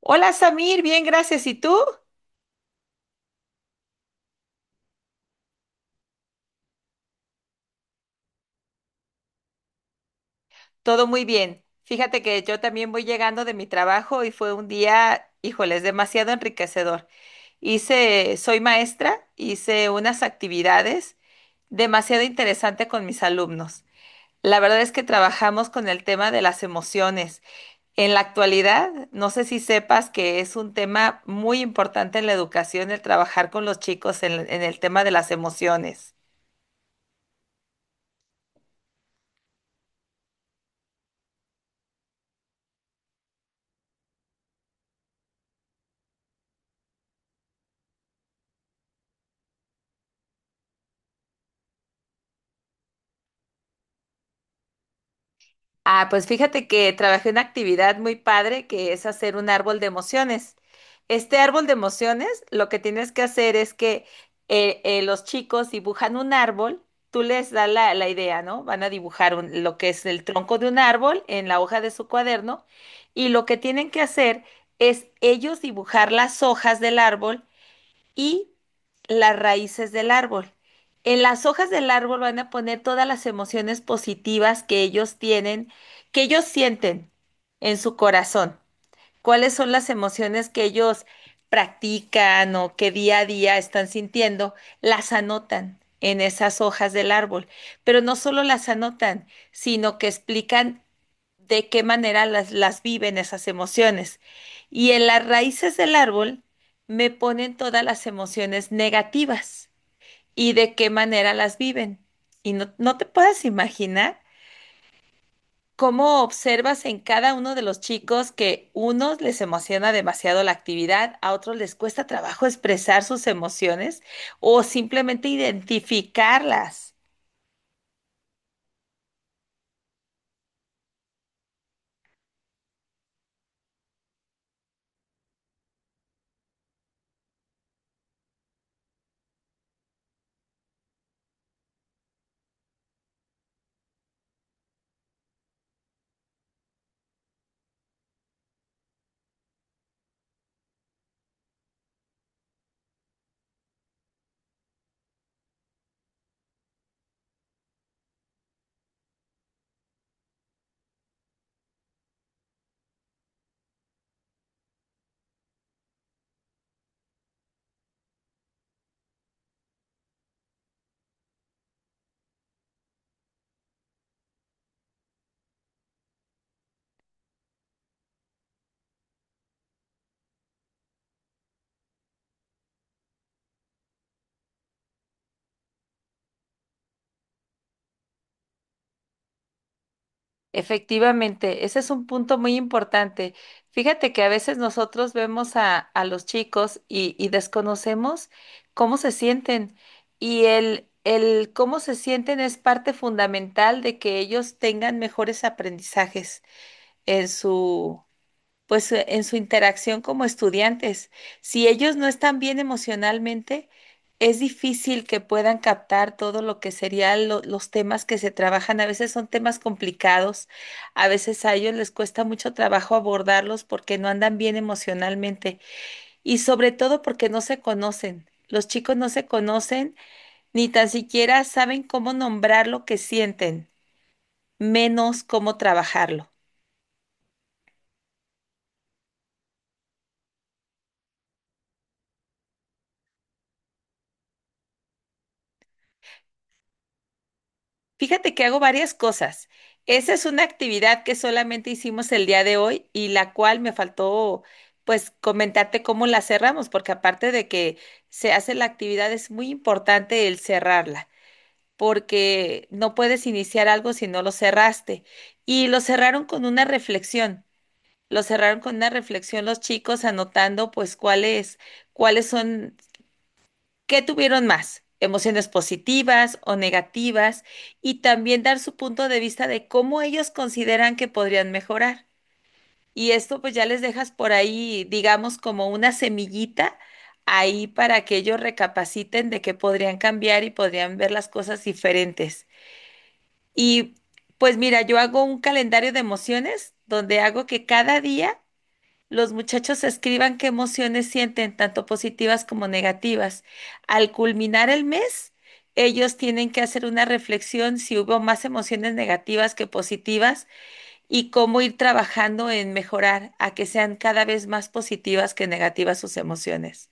Hola Samir, bien, gracias. ¿Y tú? Todo muy bien. Fíjate que yo también voy llegando de mi trabajo y fue un día, híjoles, demasiado enriquecedor. Hice, soy maestra, hice unas actividades demasiado interesantes con mis alumnos. La verdad es que trabajamos con el tema de las emociones. En la actualidad, no sé si sepas que es un tema muy importante en la educación el trabajar con los chicos en el tema de las emociones. Ah, pues fíjate que trabajé una actividad muy padre que es hacer un árbol de emociones. Este árbol de emociones, lo que tienes que hacer es que los chicos dibujan un árbol, tú les das la idea, ¿no? Van a dibujar lo que es el tronco de un árbol en la hoja de su cuaderno, y lo que tienen que hacer es ellos dibujar las hojas del árbol y las raíces del árbol. En las hojas del árbol van a poner todas las emociones positivas que ellos tienen, que ellos sienten en su corazón. ¿Cuáles son las emociones que ellos practican o que día a día están sintiendo? Las anotan en esas hojas del árbol, pero no solo las anotan, sino que explican de qué manera las viven esas emociones. Y en las raíces del árbol me ponen todas las emociones negativas y de qué manera las viven. Y no te puedes imaginar cómo observas en cada uno de los chicos que unos les emociona demasiado la actividad, a otros les cuesta trabajo expresar sus emociones o simplemente identificarlas. Efectivamente, ese es un punto muy importante. Fíjate que a veces nosotros vemos a los chicos y desconocemos cómo se sienten y el cómo se sienten es parte fundamental de que ellos tengan mejores aprendizajes en su, en su interacción como estudiantes. Si ellos no están bien emocionalmente, es difícil que puedan captar todo lo que serían los temas que se trabajan. A veces son temas complicados, a veces a ellos les cuesta mucho trabajo abordarlos porque no andan bien emocionalmente y sobre todo porque no se conocen. Los chicos no se conocen ni tan siquiera saben cómo nombrar lo que sienten, menos cómo trabajarlo. Fíjate que hago varias cosas. Esa es una actividad que solamente hicimos el día de hoy y la cual me faltó, pues, comentarte cómo la cerramos, porque aparte de que se hace la actividad es muy importante el cerrarla, porque no puedes iniciar algo si no lo cerraste. Y lo cerraron con una reflexión. Lo cerraron con una reflexión los chicos, anotando pues cuáles son. ¿Qué tuvieron más? Emociones positivas o negativas, y también dar su punto de vista de cómo ellos consideran que podrían mejorar. Y esto pues ya les dejas por ahí, digamos, como una semillita ahí para que ellos recapaciten de que podrían cambiar y podrían ver las cosas diferentes. Y pues mira, yo hago un calendario de emociones donde hago que cada día los muchachos escriban qué emociones sienten, tanto positivas como negativas. Al culminar el mes, ellos tienen que hacer una reflexión si hubo más emociones negativas que positivas, y cómo ir trabajando en mejorar a que sean cada vez más positivas que negativas sus emociones.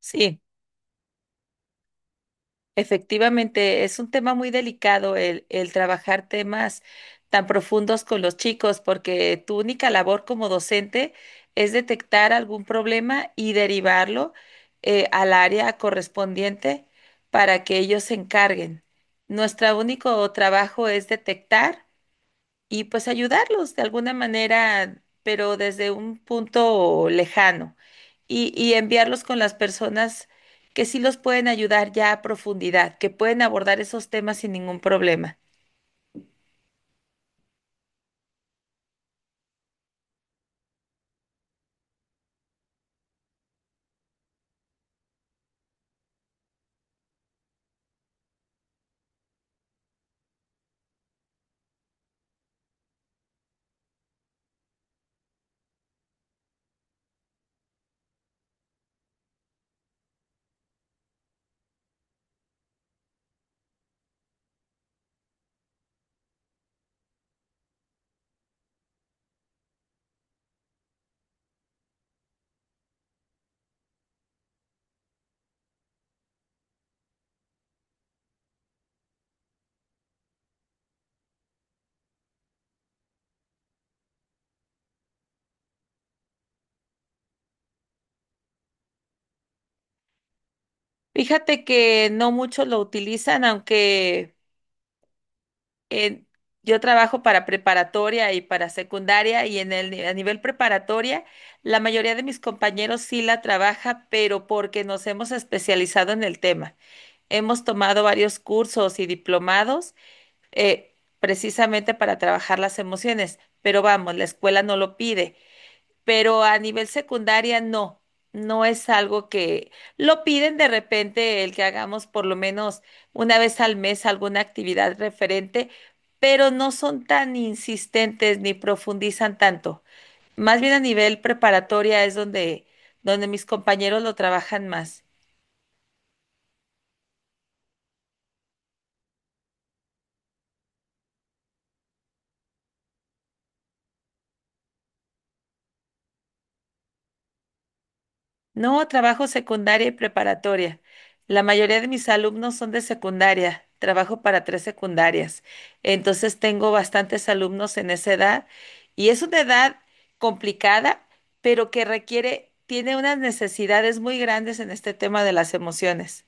Sí. Efectivamente, es un tema muy delicado el trabajar temas tan profundos con los chicos, porque tu única labor como docente es detectar algún problema y derivarlo, al área correspondiente para que ellos se encarguen. Nuestro único trabajo es detectar y pues ayudarlos de alguna manera, pero desde un punto lejano y enviarlos con las personas que sí los pueden ayudar ya a profundidad, que pueden abordar esos temas sin ningún problema. Fíjate que no muchos lo utilizan, aunque eh, yo trabajo para preparatoria y para secundaria y en el, ni- a nivel preparatoria, la mayoría de mis compañeros sí la trabaja, pero porque nos hemos especializado en el tema. Hemos tomado varios cursos y diplomados precisamente para trabajar las emociones, pero vamos, la escuela no lo pide, pero a nivel secundaria no es algo que lo piden. De repente el que hagamos por lo menos una vez al mes alguna actividad referente, pero no son tan insistentes ni profundizan tanto. Más bien a nivel preparatoria es donde mis compañeros lo trabajan más. No, trabajo secundaria y preparatoria. La mayoría de mis alumnos son de secundaria. Trabajo para tres secundarias. Entonces tengo bastantes alumnos en esa edad, y es una edad complicada, pero que requiere, tiene unas necesidades muy grandes en este tema de las emociones.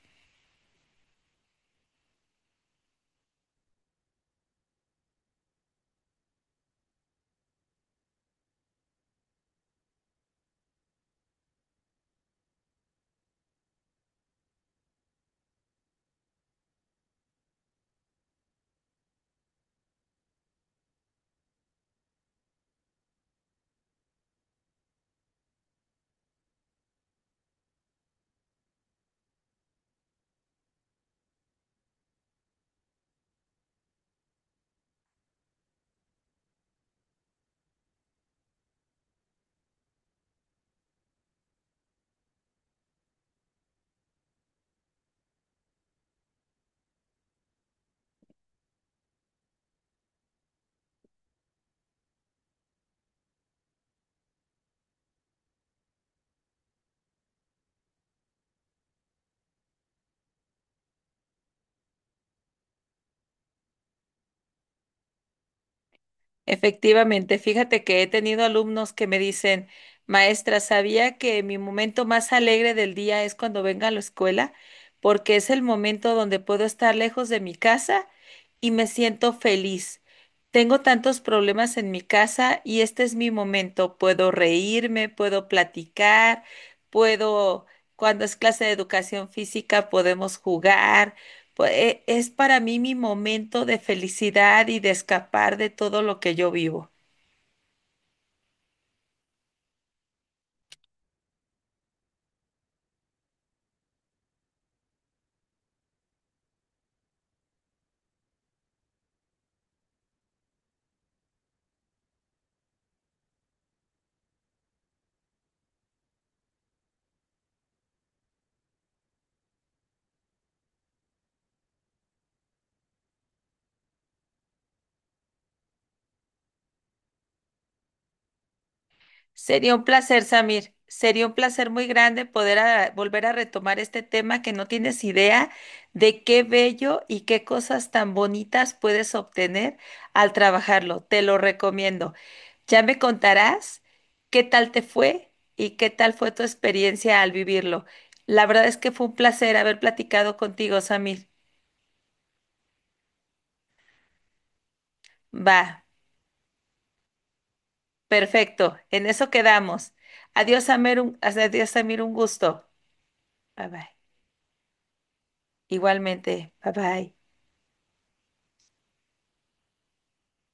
Efectivamente, fíjate que he tenido alumnos que me dicen, maestra, sabía que mi momento más alegre del día es cuando vengo a la escuela, porque es el momento donde puedo estar lejos de mi casa y me siento feliz. Tengo tantos problemas en mi casa y este es mi momento. Puedo reírme, puedo platicar, puedo, cuando es clase de educación física, podemos jugar. Pues es para mí mi momento de felicidad y de escapar de todo lo que yo vivo. Sería un placer, Samir. Sería un placer muy grande poder volver a retomar este tema que no tienes idea de qué bello y qué cosas tan bonitas puedes obtener al trabajarlo. Te lo recomiendo. Ya me contarás qué tal te fue y qué tal fue tu experiencia al vivirlo. La verdad es que fue un placer haber platicado contigo, Samir. Va. Perfecto, en eso quedamos. Adiós, Amir, adiós, Samir, un gusto. Bye bye. Igualmente, bye bye.